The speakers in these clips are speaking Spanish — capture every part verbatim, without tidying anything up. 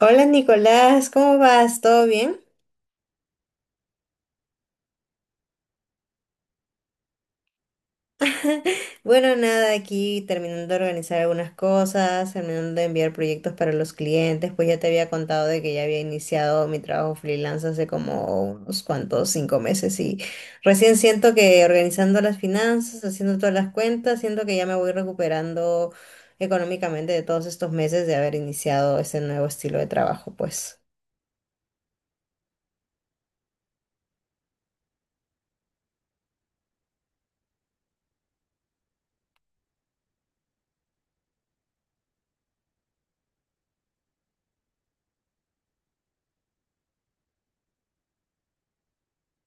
Hola Nicolás, ¿cómo vas? ¿Todo bien? Bueno, nada, aquí terminando de organizar algunas cosas, terminando de enviar proyectos para los clientes, pues ya te había contado de que ya había iniciado mi trabajo freelance hace como unos cuantos, cinco meses y recién siento que organizando las finanzas, haciendo todas las cuentas, siento que ya me voy recuperando económicamente de todos estos meses de haber iniciado ese nuevo estilo de trabajo, pues.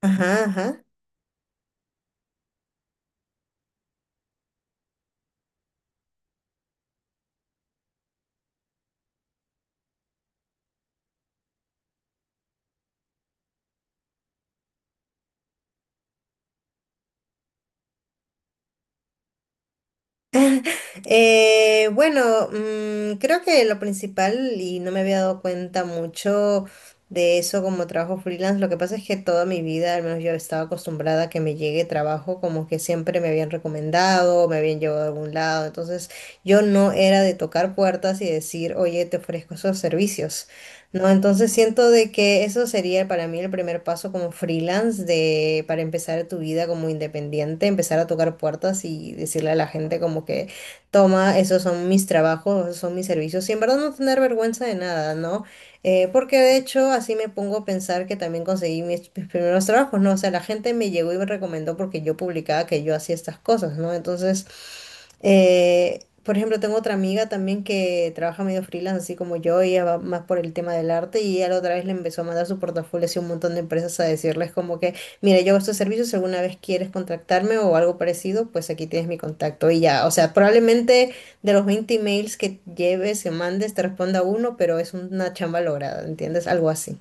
Ajá, ajá. Eh, bueno, mm, creo que lo principal, y no me había dado cuenta mucho de eso como trabajo freelance, lo que pasa es que toda mi vida, al menos yo estaba acostumbrada a que me llegue trabajo como que siempre me habían recomendado, me habían llevado a algún lado, entonces yo no era de tocar puertas y decir, oye, te ofrezco esos servicios. No, entonces siento de que eso sería para mí el primer paso como freelance de para empezar tu vida como independiente, empezar a tocar puertas y decirle a la gente como que toma, esos son mis trabajos, esos son mis servicios, y en verdad no tener vergüenza de nada, ¿no? Eh, porque de hecho así me pongo a pensar que también conseguí mis, mis primeros trabajos, ¿no? O sea, la gente me llegó y me recomendó porque yo publicaba que yo hacía estas cosas, ¿no? Entonces... Eh, por ejemplo, tengo otra amiga también que trabaja medio freelance, así como yo, y ella va más por el tema del arte y ella la otra vez le empezó a mandar su portafolio así a un montón de empresas a decirles como que, mira, yo hago estos servicios, si alguna vez quieres contactarme o algo parecido, pues aquí tienes mi contacto y ya, o sea, probablemente de los veinte emails que lleves o mandes te responda uno, pero es una chamba lograda, ¿entiendes? Algo así.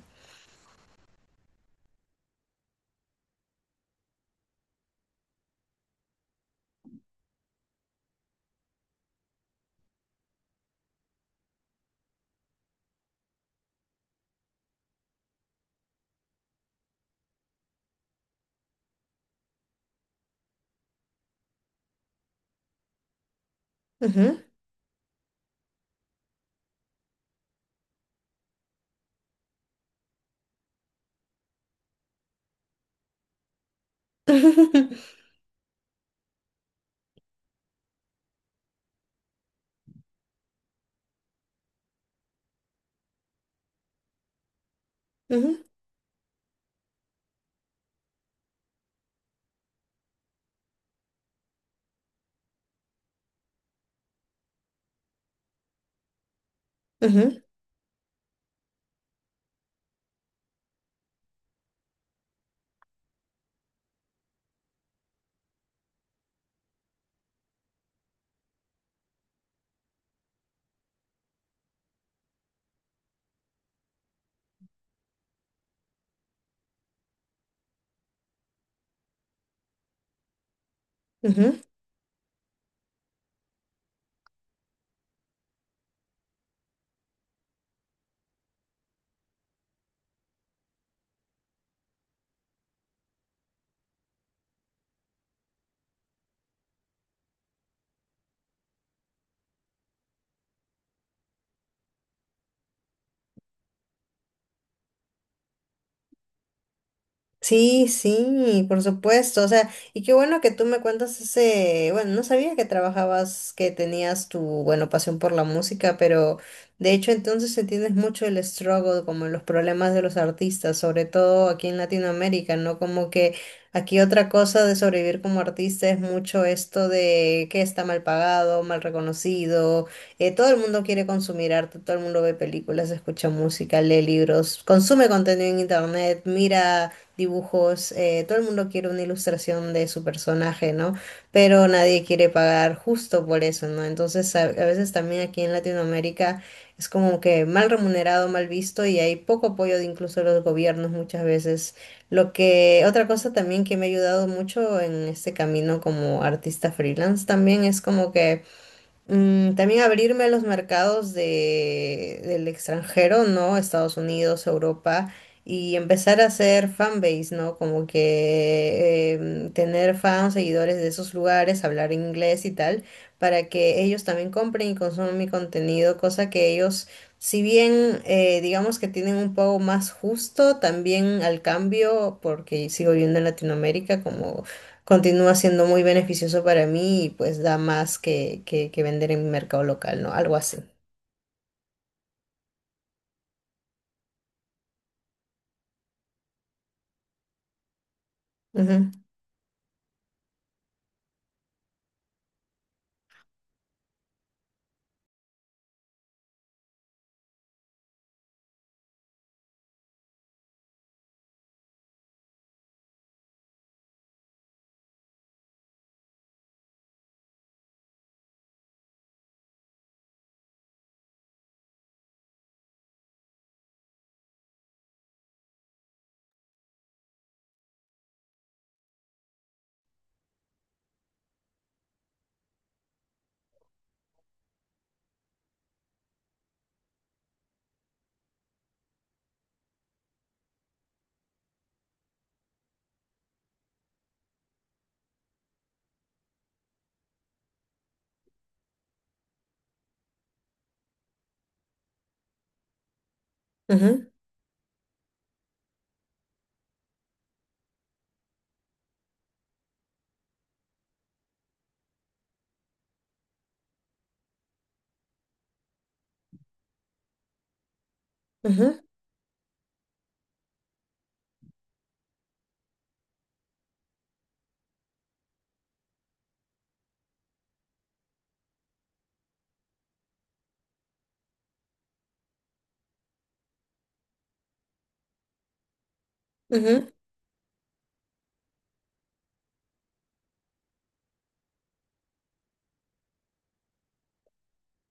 Ujú. Ujú, ujú, ujú. Sí, sí, por supuesto. O sea, y qué bueno que tú me cuentas ese, bueno, no sabía que trabajabas, que tenías tu, bueno, pasión por la música, pero de hecho entonces entiendes mucho el struggle, como los problemas de los artistas, sobre todo aquí en Latinoamérica, ¿no? Como que aquí otra cosa de sobrevivir como artista es mucho esto de que está mal pagado, mal reconocido, eh, todo el mundo quiere consumir arte, todo el mundo ve películas, escucha música, lee libros, consume contenido en internet, mira dibujos, eh, todo el mundo quiere una ilustración de su personaje, ¿no? Pero nadie quiere pagar justo por eso, ¿no? Entonces a, a veces también aquí en Latinoamérica es como que mal remunerado, mal visto y hay poco apoyo de incluso los gobiernos muchas veces. Lo que, otra cosa también que me ha ayudado mucho en este camino como artista freelance también es como que Mm, también abrirme a los mercados de, del extranjero, ¿no? Estados Unidos, Europa, y empezar a hacer fanbase, ¿no? Como que em, tener fans, seguidores de esos lugares, hablar inglés y tal, para que ellos también compren y consuman mi contenido, cosa que ellos, si bien eh, digamos que tienen un pago más justo, también al cambio, porque sigo viviendo en Latinoamérica, como continúa siendo muy beneficioso para mí y pues da más que, que, que vender en mi mercado local, ¿no? Algo así. Ujú, ujú, ujú, ujú,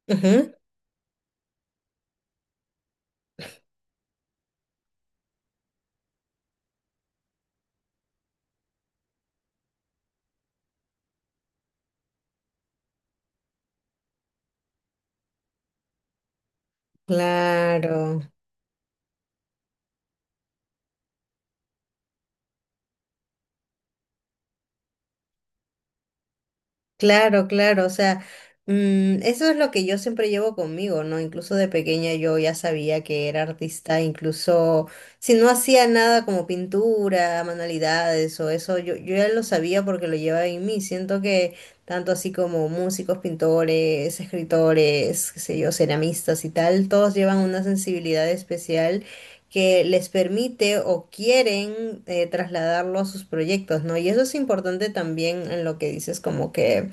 ujú. Claro. Claro, claro, o sea, mm, eso es lo que yo siempre llevo conmigo, ¿no? Incluso de pequeña yo ya sabía que era artista, incluso si no hacía nada como pintura, manualidades o eso, yo, yo ya lo sabía porque lo llevaba en mí. Siento que tanto así como músicos, pintores, escritores, qué sé yo, ceramistas y tal, todos llevan una sensibilidad especial que les permite o quieren eh, trasladarlo a sus proyectos, ¿no? Y eso es importante también en lo que dices, como que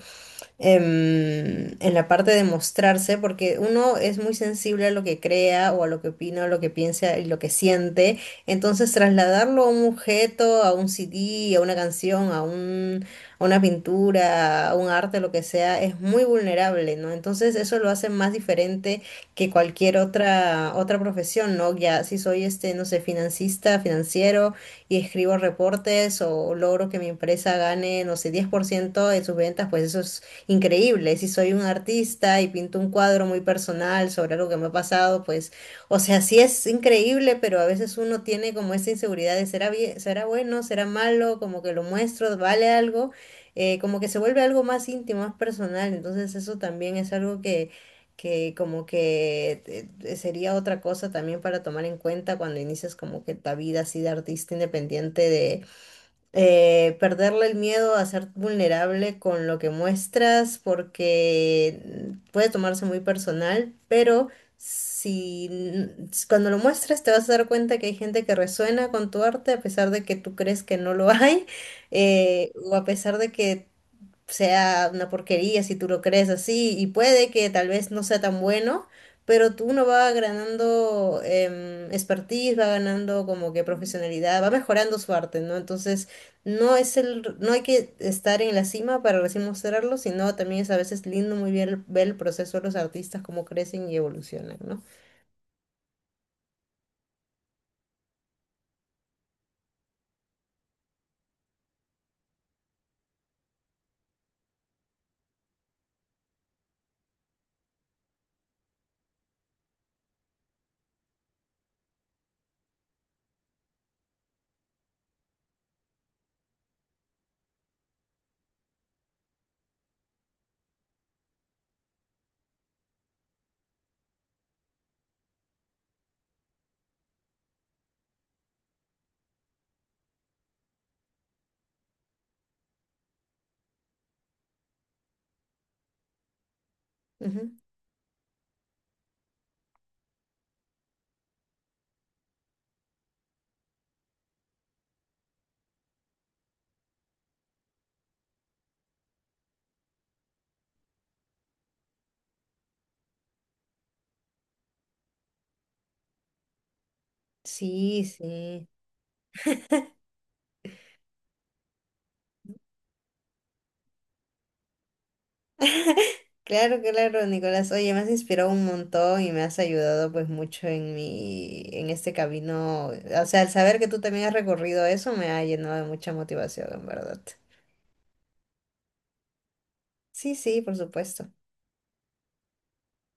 em, en la parte de mostrarse, porque uno es muy sensible a lo que crea o a lo que opina, o lo que piensa y lo que siente. Entonces, trasladarlo a un objeto, a un C D, a una canción, a un, a una pintura, a un arte, lo que sea, es muy vulnerable, ¿no? Entonces, eso lo hace más diferente que cualquier otra, otra profesión, ¿no? Ya si soy este, no sé, financista, financiero y escribo reportes o logro que mi empresa gane, no sé, diez por ciento de sus ventas, pues eso es increíble. Si soy un artista y pinto un cuadro muy personal sobre algo que me ha pasado, pues, o sea, sí es increíble, pero a veces uno tiene como esa inseguridad de será bien, será bueno, será malo, como que lo muestro, vale algo, eh, como que se vuelve algo más íntimo, más personal. Entonces eso también es algo que que como que eh, eh, sería otra cosa también para tomar en cuenta cuando inicias como que tu vida así de artista independiente de eh, perderle el miedo a ser vulnerable con lo que muestras, porque mm, puede tomarse muy personal, pero si n- s- cuando lo muestras te vas a dar cuenta que hay gente que resuena con tu arte a pesar de que tú crees que no lo hay, eh, o a pesar de que sea una porquería si tú lo crees así, y puede que tal vez no sea tan bueno, pero tú uno va ganando em, expertise, va ganando como que profesionalidad, va mejorando su arte, ¿no? Entonces, no es el, no hay que estar en la cima para recién mostrarlo, sino también es a veces lindo muy bien el- ver el proceso de los artistas, cómo crecen y evolucionan, ¿no? Ujú. Sí, sí. Claro, claro, Nicolás. Oye, me has inspirado un montón y me has ayudado pues mucho en mi, en este camino. O sea, al saber que tú también has recorrido eso me ha llenado de mucha motivación, en verdad. Sí, sí, por supuesto.